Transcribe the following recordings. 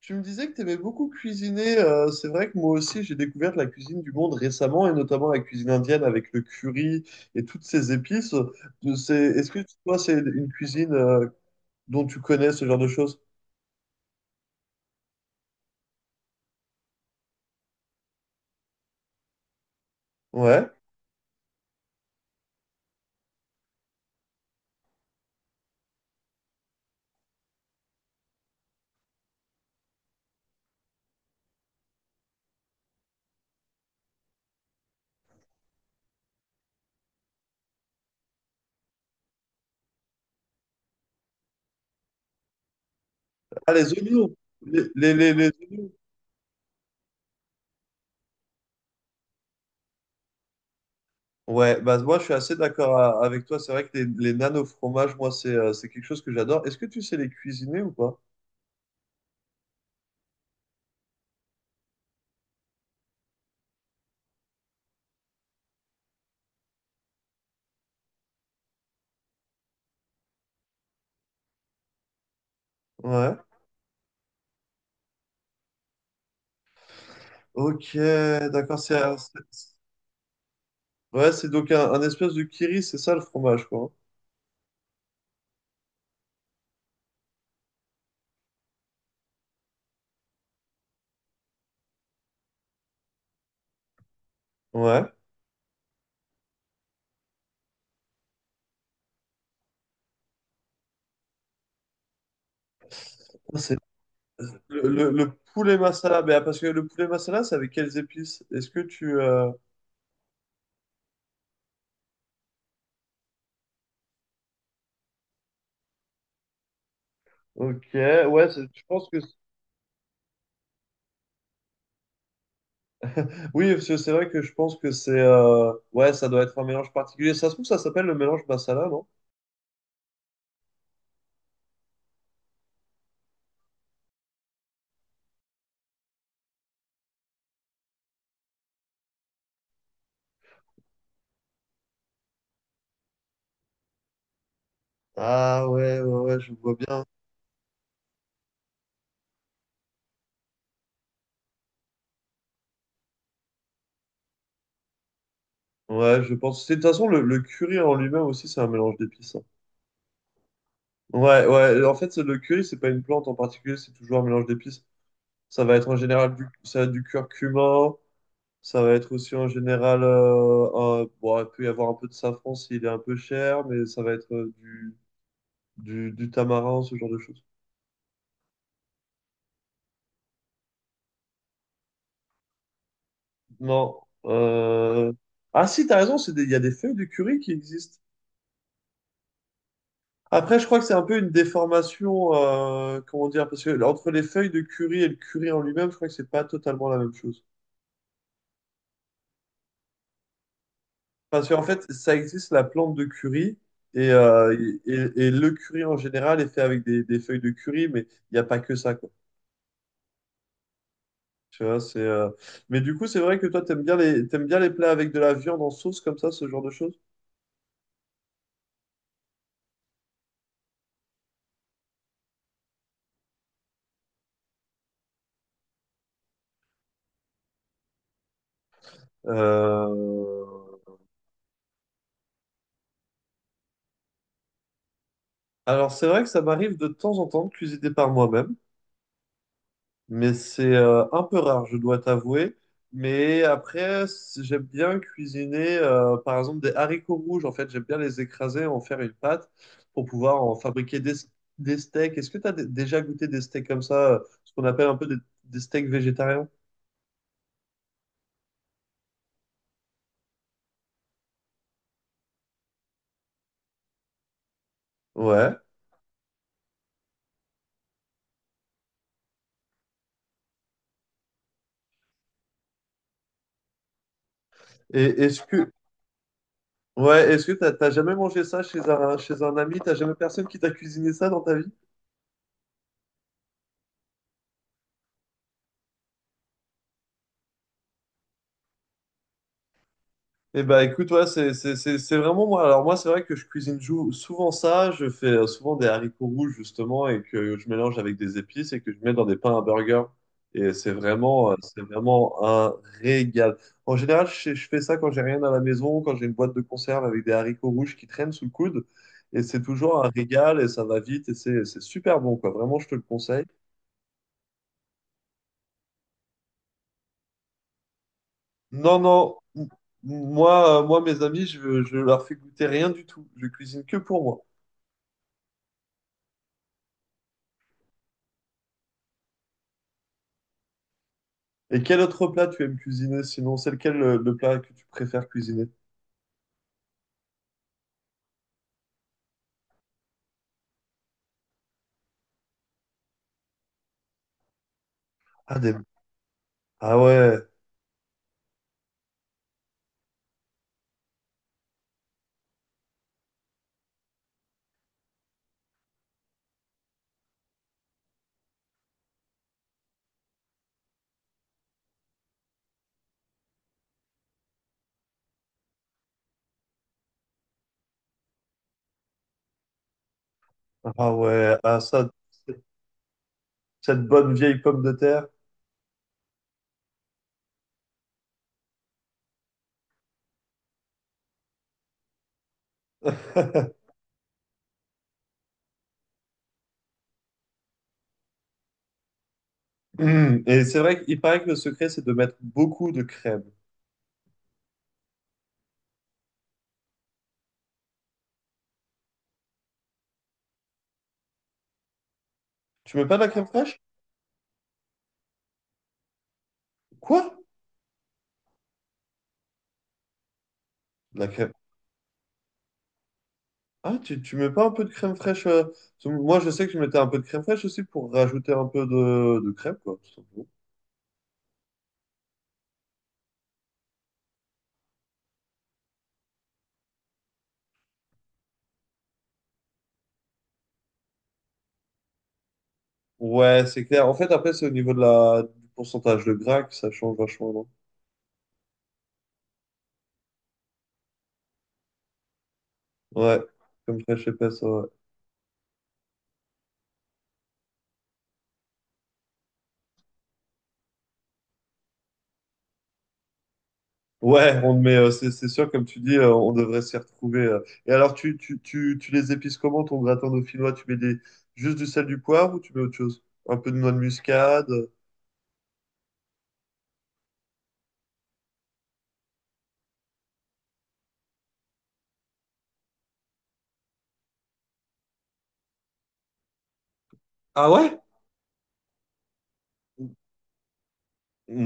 Tu me disais que tu aimais beaucoup cuisiner. C'est vrai que moi aussi, j'ai découvert la cuisine du monde récemment, et notamment la cuisine indienne avec le curry et toutes ces épices. Est-ce que toi, c'est une cuisine dont tu connais ce genre de choses? Ouais. Ah, les oignons. Les oignons. Ouais, bah moi, je suis assez d'accord avec toi. C'est vrai que les nanes au fromage, moi, c'est quelque chose que j'adore. Est-ce que tu sais les cuisiner ou pas? Ouais. Ok, d'accord. Ouais, c'est donc un espèce de curry, c'est ça le fromage, quoi. Hein? Ouais. C'est le poulet masala, mais ah, parce que le poulet masala, c'est avec quelles épices? Ok, ouais, je pense que... Oui, parce que c'est vrai que je pense que ouais, ça doit être un mélange particulier. Ça se trouve, ça s'appelle le mélange masala, non? Ah ouais, je vois bien. Ouais, je pense. De toute façon, le curry en lui-même aussi, c'est un mélange d'épices, hein. Ouais, ouais. En fait, le curry, c'est pas une plante en particulier, c'est toujours un mélange d'épices. Ça va être en général du, ça va être du curcuma. Ça va être aussi en général, bon, il peut y avoir un peu de safran s'il est un peu cher, mais ça va être euh, du tamarin, ce genre de choses. Non. euh, Ah si, t'as raison, il y a des feuilles de curry qui existent. Après, je crois que c'est un peu une déformation, comment dire, parce que entre les feuilles de curry et le curry en lui-même, je crois que c'est pas totalement la même chose. Parce qu'en fait, ça existe la plante de curry, et, euh, et, et le curry en général est fait avec des feuilles de curry, mais il n'y a pas que ça, quoi. Tu vois, mais du coup, c'est vrai que toi, t'aimes bien les plats avec de la viande en sauce comme ça, ce genre de choses. Euh, Alors, c'est vrai que ça m'arrive de temps en temps de cuisiner par moi-même, mais c'est un peu rare, je dois t'avouer. Mais après, j'aime bien cuisiner, par exemple, des haricots rouges. En fait, j'aime bien les écraser, en faire une pâte pour pouvoir en fabriquer des steaks. Est-ce que tu as déjà goûté des steaks comme ça, ce qu'on appelle un peu des steaks végétariens? Ouais. Et est-ce que, Ouais, est-ce que t'as jamais mangé ça chez un ami? T'as jamais personne qui t'a cuisiné ça dans ta vie? Eh ben écoute, ouais, c'est vraiment moi. Alors moi, c'est vrai que je souvent ça. Je fais souvent des haricots rouges, justement, et que je mélange avec des épices et que je mets dans des pains à burger. Et c'est vraiment un régal. En général, je fais ça quand j'ai rien à la maison, quand j'ai une boîte de conserve avec des haricots rouges qui traînent sous le coude. Et c'est toujours un régal et ça va vite et c'est super bon, quoi. Vraiment, je te le conseille. Non, non. Moi, mes amis, je leur fais goûter rien du tout. Je cuisine que pour moi. Et quel autre plat tu aimes cuisiner sinon? C'est lequel le plat que tu préfères cuisiner? Ah, des... ah ouais. Ah ouais. Ah, ça, cette bonne vieille pomme de terre. Hum. Et c'est vrai qu'il paraît que le secret, c'est de mettre beaucoup de crème. Tu mets pas de la crème fraîche? Quoi? De la crème. Ah, tu mets pas un peu de crème fraîche? Parce que moi, je sais que je mettais un peu de crème fraîche aussi pour rajouter un peu de crème, quoi. Ouais, c'est clair. En fait, après, c'est au niveau de la... du pourcentage de gras que ça change vachement, non? Ouais, comme ça, je fraîche épaisse, ouais. Ouais, on met, euh, c'est sûr, comme tu dis, on devrait s'y retrouver. Et alors, tu les épices comment, ton gratin dauphinois? Tu mets des... juste du sel, du poivre ou tu mets autre chose? Un peu de noix de muscade? Ah ouais?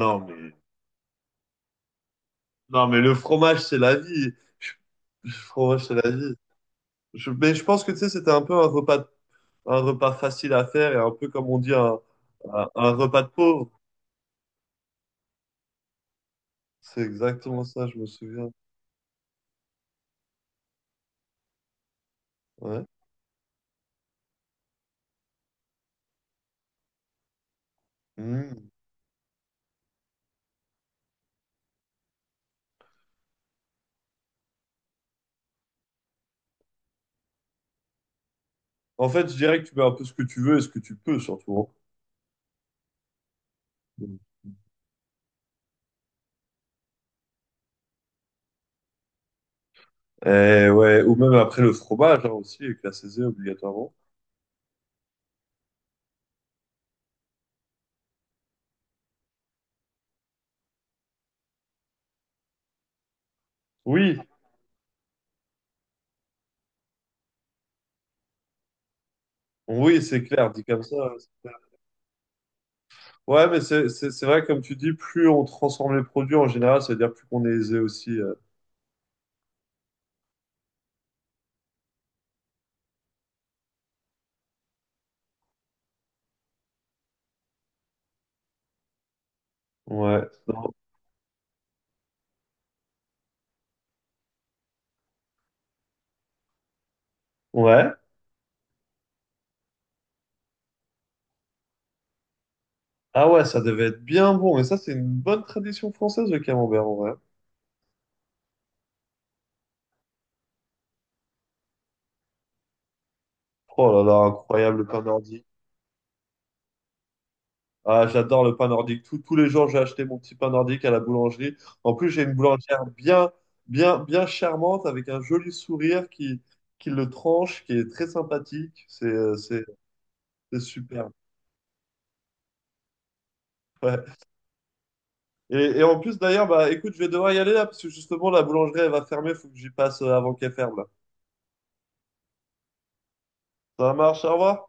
Non, mais, non, mais le fromage, c'est la vie. Je- Le fromage, c'est la vie. Mais je pense que, tu sais, c'était un peu un repas facile à faire et un peu, comme on dit, un repas de pauvre. C'est exactement ça, je me souviens. Ouais. Mm. En fait, je dirais que tu mets un peu ce que tu veux et ce que tu peux, surtout. Hein. Mm. Et ouais, ou même après le fromage hein, aussi, avec la saisie obligatoirement. Oui, oui, c'est clair, dit comme ça. Hein, c'est clair. Ouais, mais c'est vrai, comme tu dis, plus on transforme les produits en général, ça veut dire plus qu'on est aisé aussi. Ouais. Non. Ouais. Ah ouais, ça devait être bien bon. Mais ça, c'est une bonne tradition française, le camembert, en vrai. Oh là là, incroyable le pain d'ordi. Ah, j'adore le pain nordique. Tous les jours, j'ai acheté mon petit pain nordique à la boulangerie. En plus, j'ai une boulangère bien charmante avec un joli sourire qui le tranche, qui est très sympathique. C'est super. Ouais. Et en plus, d'ailleurs, bah, écoute, je vais devoir y aller là parce que justement, la boulangerie, elle va fermer. Il faut que j'y passe avant qu'elle ferme là. Ça marche, au revoir.